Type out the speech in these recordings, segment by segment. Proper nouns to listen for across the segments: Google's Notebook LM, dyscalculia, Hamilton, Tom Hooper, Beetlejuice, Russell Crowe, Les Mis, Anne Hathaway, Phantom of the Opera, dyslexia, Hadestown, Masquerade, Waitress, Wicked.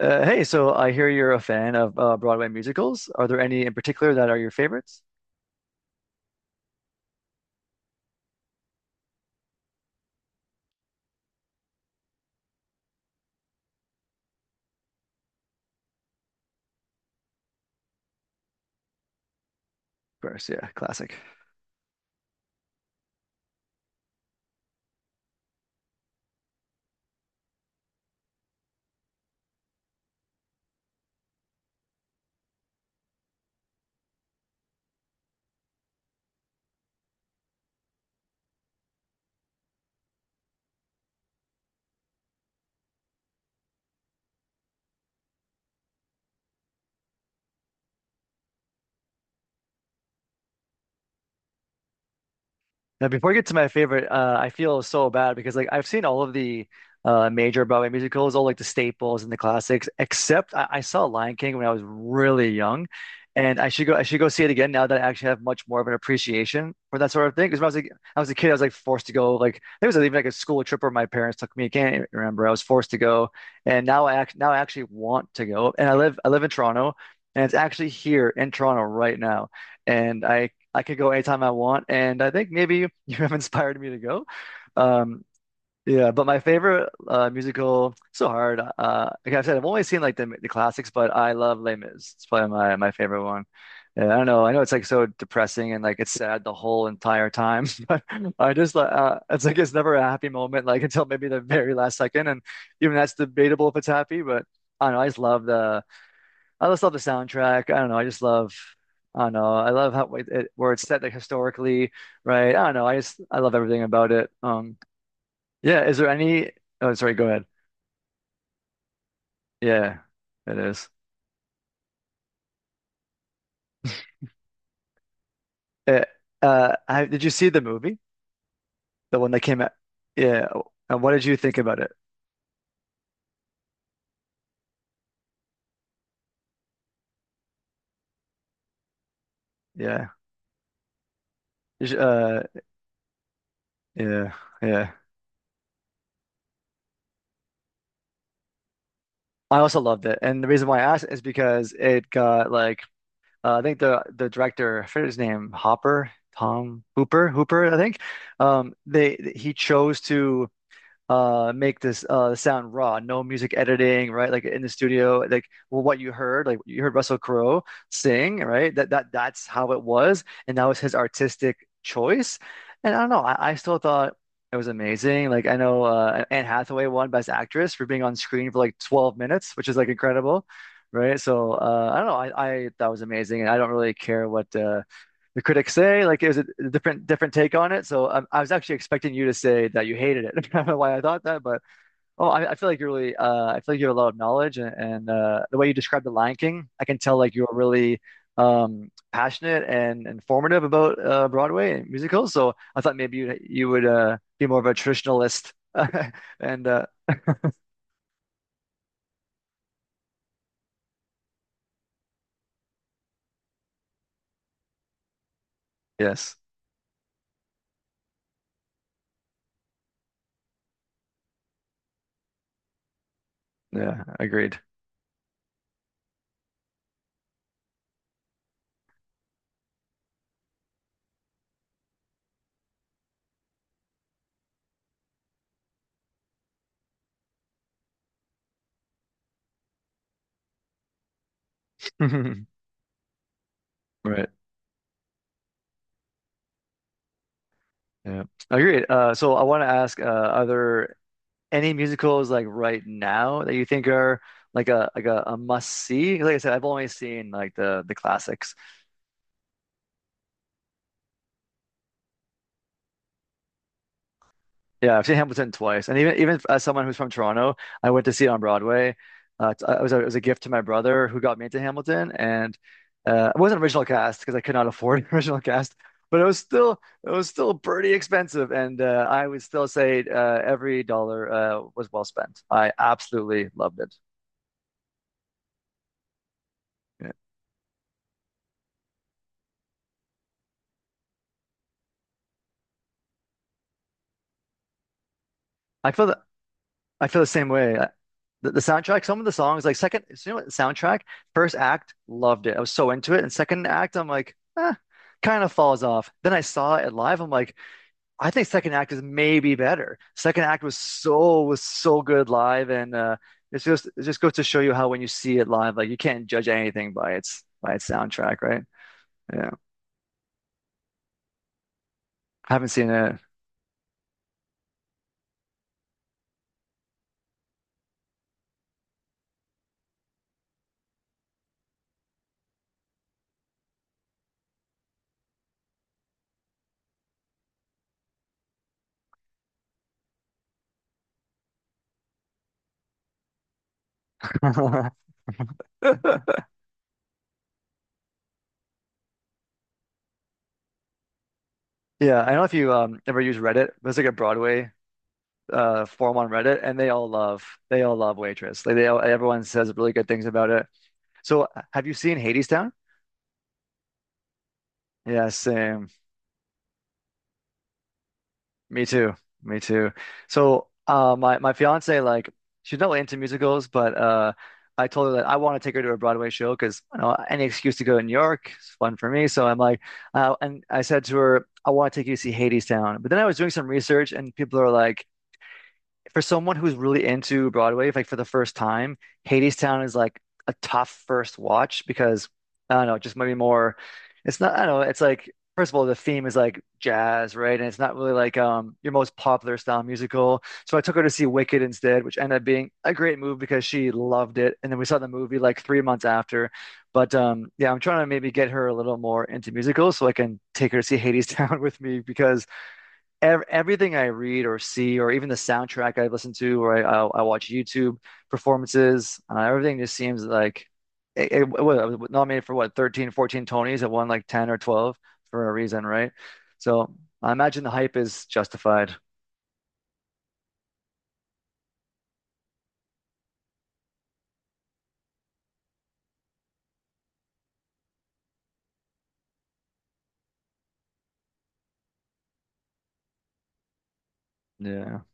Hey, so I hear you're a fan of Broadway musicals. Are there any in particular that are your favorites? Of course, yeah, classic. Now, before I get to my favorite, I feel so bad because like I've seen all of the major Broadway musicals, all like the staples and the classics, except I saw Lion King when I was really young, and I should go. I should go see it again now that I actually have much more of an appreciation for that sort of thing. Because when I was like, I was a kid, I was like forced to go. Like there was even like a school trip where my parents took me. I can't remember. I was forced to go, and now I act now I actually want to go. And I live in Toronto, and it's actually here in Toronto right now. And I could go anytime I want, and I think maybe you have inspired me to go. Um, yeah, but my favorite musical, so hard. Like I said, I've only seen like the classics, but I love Les Mis. It's probably my favorite one. Yeah, I don't know. I know it's like so depressing and like it's sad the whole entire time, but I just like it's like it's never a happy moment, like until maybe the very last second, and even that's debatable if it's happy. But I don't know. I just love the soundtrack. I don't know. I don't know. I love how where it's set like historically, right? I don't know. I love everything about it. Yeah. Is there any? Oh, sorry. Go ahead. Yeah, it is. Eh, did you see the movie? The one that came out? Yeah. And what did you think about it? Yeah. You should- Uh, yeah, yeah. I also loved it, and the reason why I asked is because it got like. I think the director, I forget his name, Hopper, Tom Hooper, Hooper, I think. They He chose to make this sound raw, no music editing, right? Like in the studio, like, well, what you heard, like, you heard Russell Crowe sing, right? That's how it was, and that was his artistic choice. And I don't know, I still thought it was amazing. Like, I know Anne Hathaway won Best Actress for being on screen for like 12 minutes, which is like incredible, right? So I don't know, I that was amazing, and I don't really care what the critics say. Like it was a different take on it. So I was actually expecting you to say that you hated it. I don't know why I thought that, but oh, I feel like you're really, I feel like you have a lot of knowledge, and the way you described The Lion King, I can tell like you're really passionate and informative about Broadway and musicals. So I thought maybe you would be more of a traditionalist. And Yes. Yeah, agreed. Right. Yeah. Agreed. So I want to ask other any musicals like right now that you think are like a must see? Like I said, I've only seen like the classics. Yeah, I've seen Hamilton twice, and even as someone who's from Toronto, I went to see it on Broadway. It was a gift to my brother who got me into Hamilton, and it wasn't original cast because I could not afford original cast, but it was still pretty expensive, and I would still say every dollar was well spent. I absolutely loved it. Yeah. I feel I feel the same way. The soundtrack, some of the songs, like second, so you know what, soundtrack, first act, loved it. I was so into it. And second act, I'm like, eh, kind of falls off. Then I saw it live. I'm like, I think second act is maybe better. Second act was so good live, and it's just it just goes to show you how when you see it live, like you can't judge anything by its soundtrack, right? Yeah, haven't seen it. Yeah, I don't know if you ever use Reddit, but it's like a Broadway forum on Reddit, and they all love Waitress. Like everyone says really good things about it. So have you seen Hadestown? Yeah, same. Me too. Me too. So my fiance, like, she's not really into musicals, but I told her that I want to take her to a Broadway show because, you know, any excuse to go to New York is fun for me. So I'm like, and I said to her, I want to take you to see Hadestown. But then I was doing some research, and people are like, for someone who's really into Broadway, like for the first time, Hadestown is like a tough first watch because I don't know, just maybe more. It's not. I don't know. It's like, first of all, the theme is like jazz, right? And it's not really like your most popular style musical. So I took her to see Wicked instead, which ended up being a great move because she loved it. And then we saw the movie like 3 months after. But yeah, I'm trying to maybe get her a little more into musicals so I can take her to see Hadestown with me because ev everything I read or see, or even the soundtrack I listen to, or I watch YouTube performances, everything just seems like it was nominated for what, 13, 14 Tonys. It won like 10 or 12 for a reason, right? So I imagine the hype is justified. Yeah.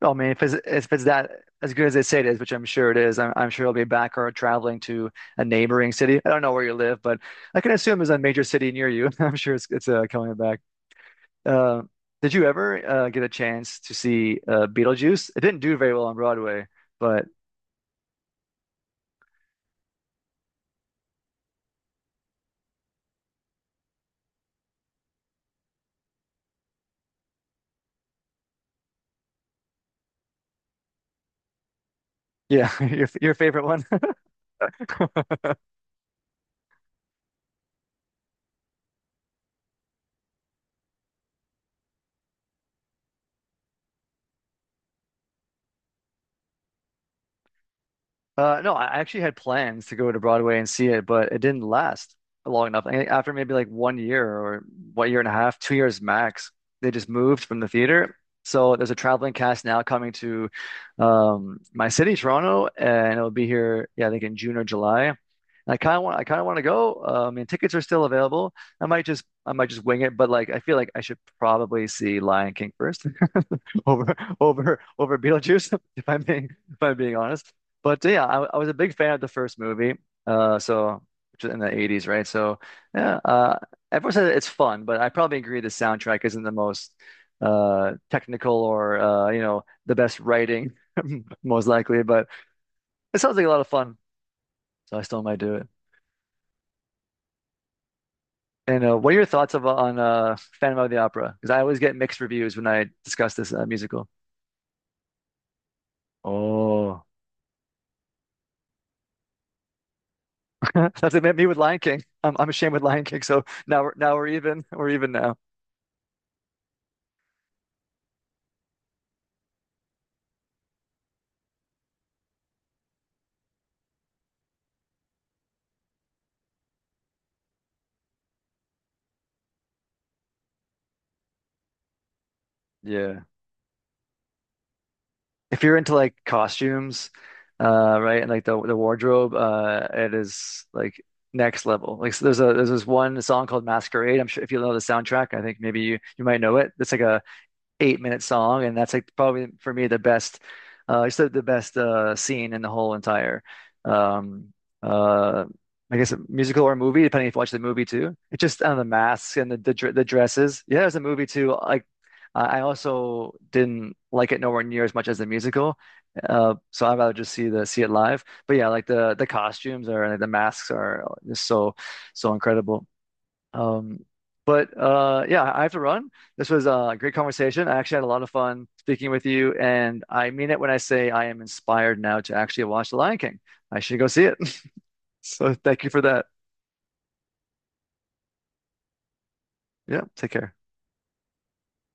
Oh, I mean, if it's that as good as they say it is, which I'm sure it is, I'm sure it'll be back or traveling to a neighboring city. I don't know where you live, but I can assume it's a major city near you. I'm sure it's coming back. Uh, did you ever get a chance to see Beetlejuice? It didn't do very well on Broadway, but yeah, your favorite. No, I actually had plans to go to Broadway and see it, but it didn't last long enough. I think after maybe like 1 year or what, year and a half, 2 years max, they just moved from the theater. So there's a traveling cast now coming to my city, Toronto, and it'll be here, yeah, I think in June or July. And I kind of want to go. I mean, tickets are still available. I might just wing it, but like, I feel like I should probably see Lion King first over, over Beetlejuice, if I'm being honest. But yeah, I was a big fan of the first movie, so which was in the '80s, right? So yeah, everyone says it's fun, but I probably agree the soundtrack isn't the most technical, or you know, the best writing, most likely. But it sounds like a lot of fun, so I still might do it. And what are your thoughts on Phantom of the Opera? Because I always get mixed reviews when I discuss this musical. Oh, that's it. Me with Lion King. I'm ashamed with Lion King. So now we're even. We're even now. If you're into like costumes, right, and like the wardrobe, it is like next level. Like, so there's this one song called Masquerade. I'm sure if you know the soundtrack, I think maybe you might know it. It's like a 8 minute song, and that's like probably for me the best, it's the best scene in the whole entire, um, uh, I guess, a musical or movie, depending if you watch the movie too. It's just on the masks and the dresses. Yeah, there's a movie too. Like I also didn't like it nowhere near as much as the musical. So I'd rather just see it live. But yeah, like the costumes or the masks are just so incredible. Um, but Yeah, I have to run. This was a great conversation. I actually had a lot of fun speaking with you, and I mean it when I say I am inspired now to actually watch The Lion King. I should go see it. So thank you for that. Yeah, take care.